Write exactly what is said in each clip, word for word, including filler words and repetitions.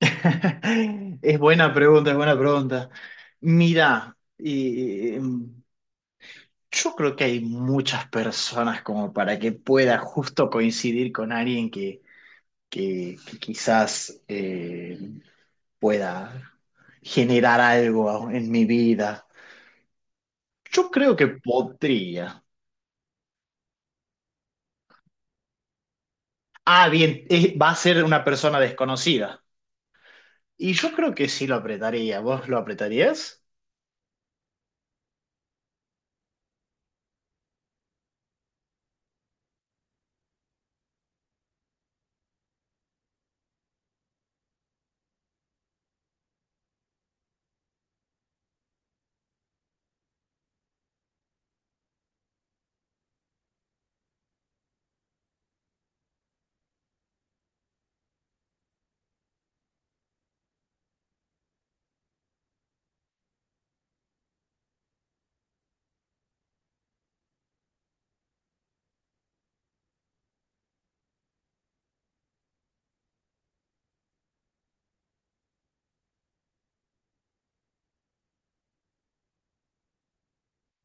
Es buena pregunta, es buena pregunta. Mira, eh, yo creo que hay muchas personas como para que pueda justo coincidir con alguien que, que- que quizás eh, pueda generar algo en mi vida. Yo creo que podría. Ah, bien, eh, va a ser una persona desconocida. Y yo creo que sí lo apretaría. ¿Vos lo apretarías?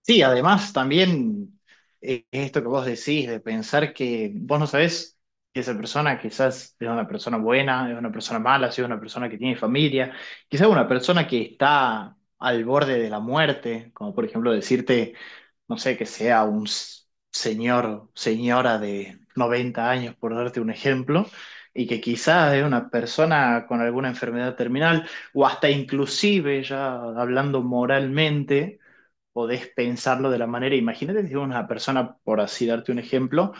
Sí, además también eh, esto que vos decís de pensar que vos no sabés si esa persona quizás es una persona buena, es una persona mala, si es una persona que tiene familia, quizás una persona que está al borde de la muerte, como por ejemplo decirte, no sé, que sea un s- señor, señora de noventa años, por darte un ejemplo, y que quizás es una persona con alguna enfermedad terminal, o hasta inclusive ya hablando moralmente podés pensarlo de la manera. Imagínate si una persona, por así darte un ejemplo,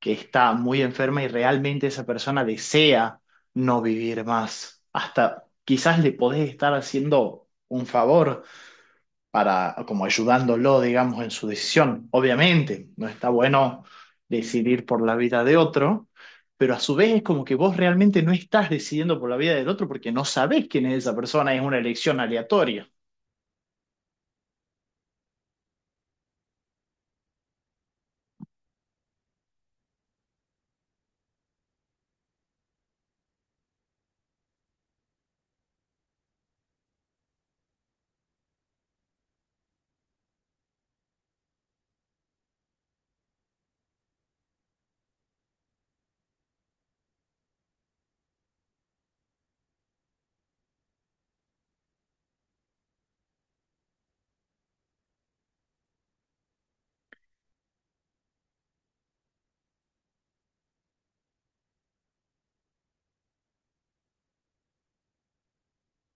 que está muy enferma y realmente esa persona desea no vivir más. Hasta quizás le podés estar haciendo un favor para, como ayudándolo, digamos, en su decisión. Obviamente, no está bueno decidir por la vida de otro, pero a su vez es como que vos realmente no estás decidiendo por la vida del otro porque no sabés quién es esa persona, es una elección aleatoria.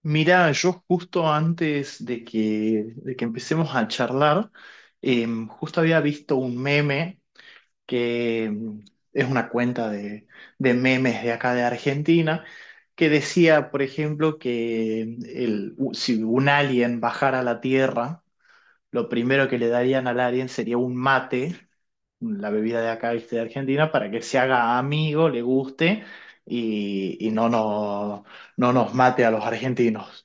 Mira, yo justo antes de que, de que empecemos a charlar, em, justo había visto un meme que em, es una cuenta de, de memes de acá de Argentina, que decía, por ejemplo, que el, u- si un alien bajara a la Tierra, lo primero que le darían al alien sería un mate, la bebida de acá, ¿viste? De Argentina, para que se haga amigo, le guste y, y no, no, no nos mate a los argentinos.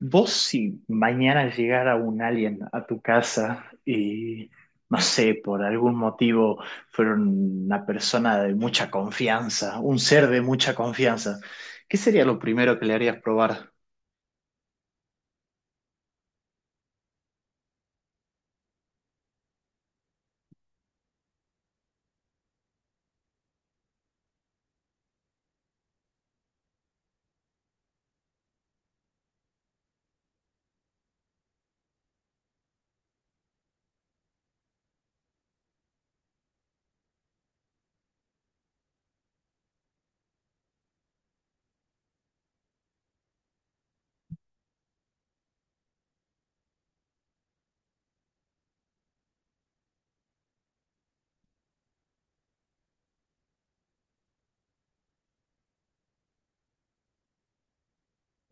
Vos, si mañana llegara un alien a tu casa y, no sé, por algún motivo fueron una persona de mucha confianza, un ser de mucha confianza, ¿qué sería lo primero que le harías probar?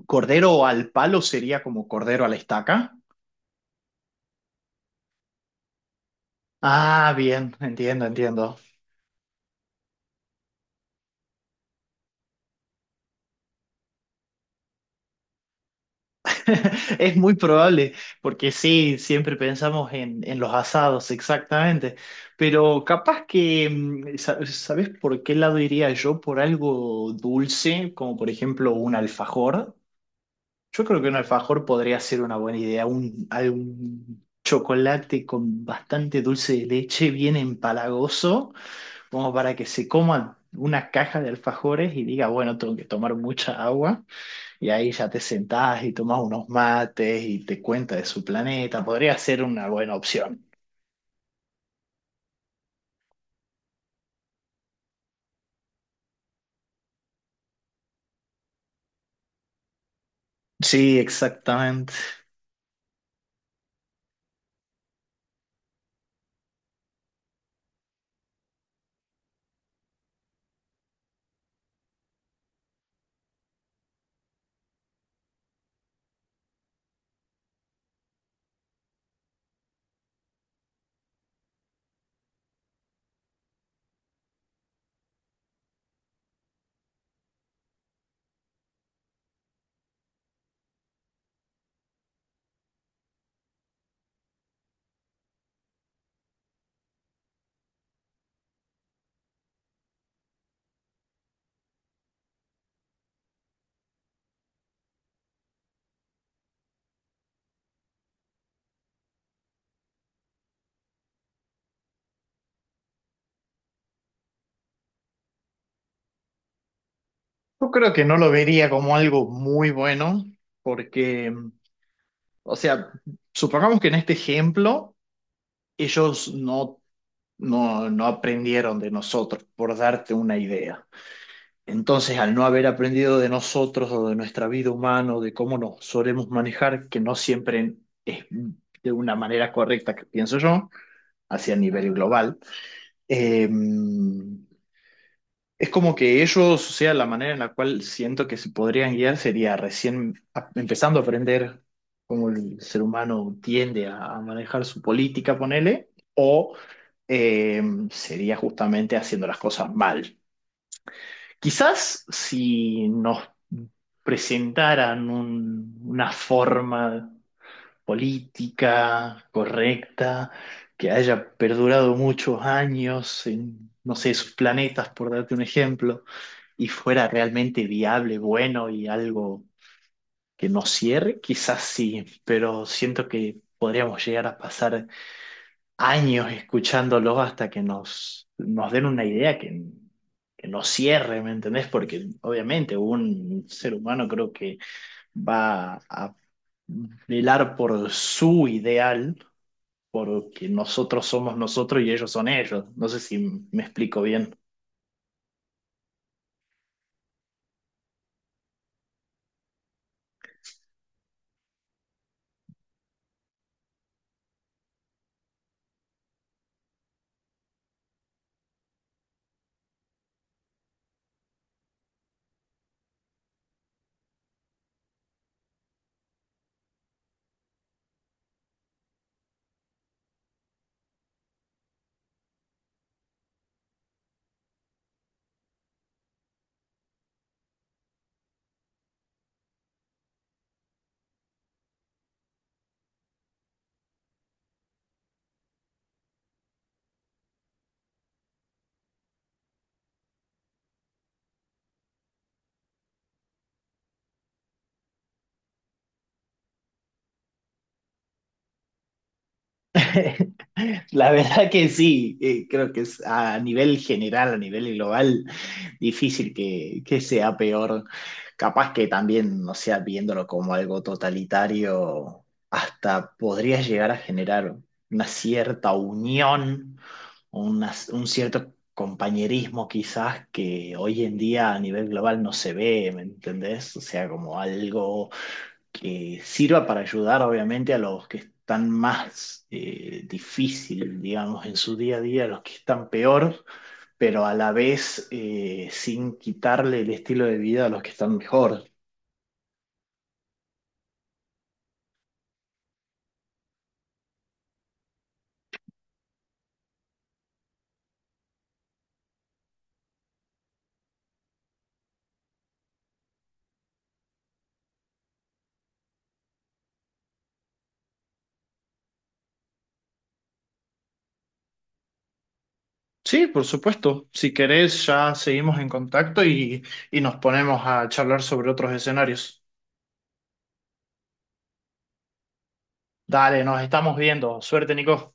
¿Cordero al palo sería como cordero a la estaca? Ah, bien, entiendo, entiendo. Es muy probable, porque sí, siempre pensamos en, en los asados, exactamente. Pero capaz que, mm, sa- ¿sabes por qué lado iría yo? Por algo dulce, como por ejemplo un alfajor. Yo creo que un alfajor podría ser una buena idea, un, algún chocolate con bastante dulce de leche, bien empalagoso, como para que se coman una caja de alfajores y diga, bueno, tengo que tomar mucha agua. Y ahí ya te sentás y tomas unos mates y te cuenta de su planeta. Podría ser una buena opción. Sí, exactamente. Yo creo que no lo vería como algo muy bueno porque, o sea, supongamos que en este ejemplo ellos no, no, no aprendieron de nosotros, por darte una idea. Entonces, al no haber aprendido de nosotros o de nuestra vida humana, o de cómo nos solemos manejar, que no siempre es de una manera correcta, que pienso yo, hacia nivel global. Eh, es como que ellos, o sea, la manera en la cual siento que se podrían guiar sería recién a- empezando a aprender cómo el ser humano tiende a, a manejar su política, ponele, o eh, sería justamente haciendo las cosas mal. Quizás si nos presentaran un- una forma política correcta, que haya perdurado muchos años en, no sé, sus planetas, por darte un ejemplo, y fuera realmente viable, bueno y algo que nos cierre, quizás sí, pero siento que podríamos llegar a pasar años escuchándolo hasta que nos, nos den una idea que, que nos cierre, ¿me entendés? Porque obviamente un ser humano creo que va a velar por su ideal porque nosotros somos nosotros y ellos son ellos. No sé si me explico bien. La verdad que sí, eh, creo que es a nivel general, a nivel global, difícil que, que sea peor. Capaz que también, no sea, viéndolo como algo totalitario, hasta podría llegar a generar una cierta unión, una- un cierto compañerismo quizás que hoy en día a nivel global no se ve, ¿me entendés? O sea, como algo que sirva para ayudar obviamente a los que están más eh, difícil, digamos, en su día a día, a los que están peor, pero a la vez eh, sin quitarle el estilo de vida a los que están mejor. Sí, por supuesto. Si querés, ya seguimos en contacto y, y nos ponemos a charlar sobre otros escenarios. Dale, nos estamos viendo. Suerte, Nico.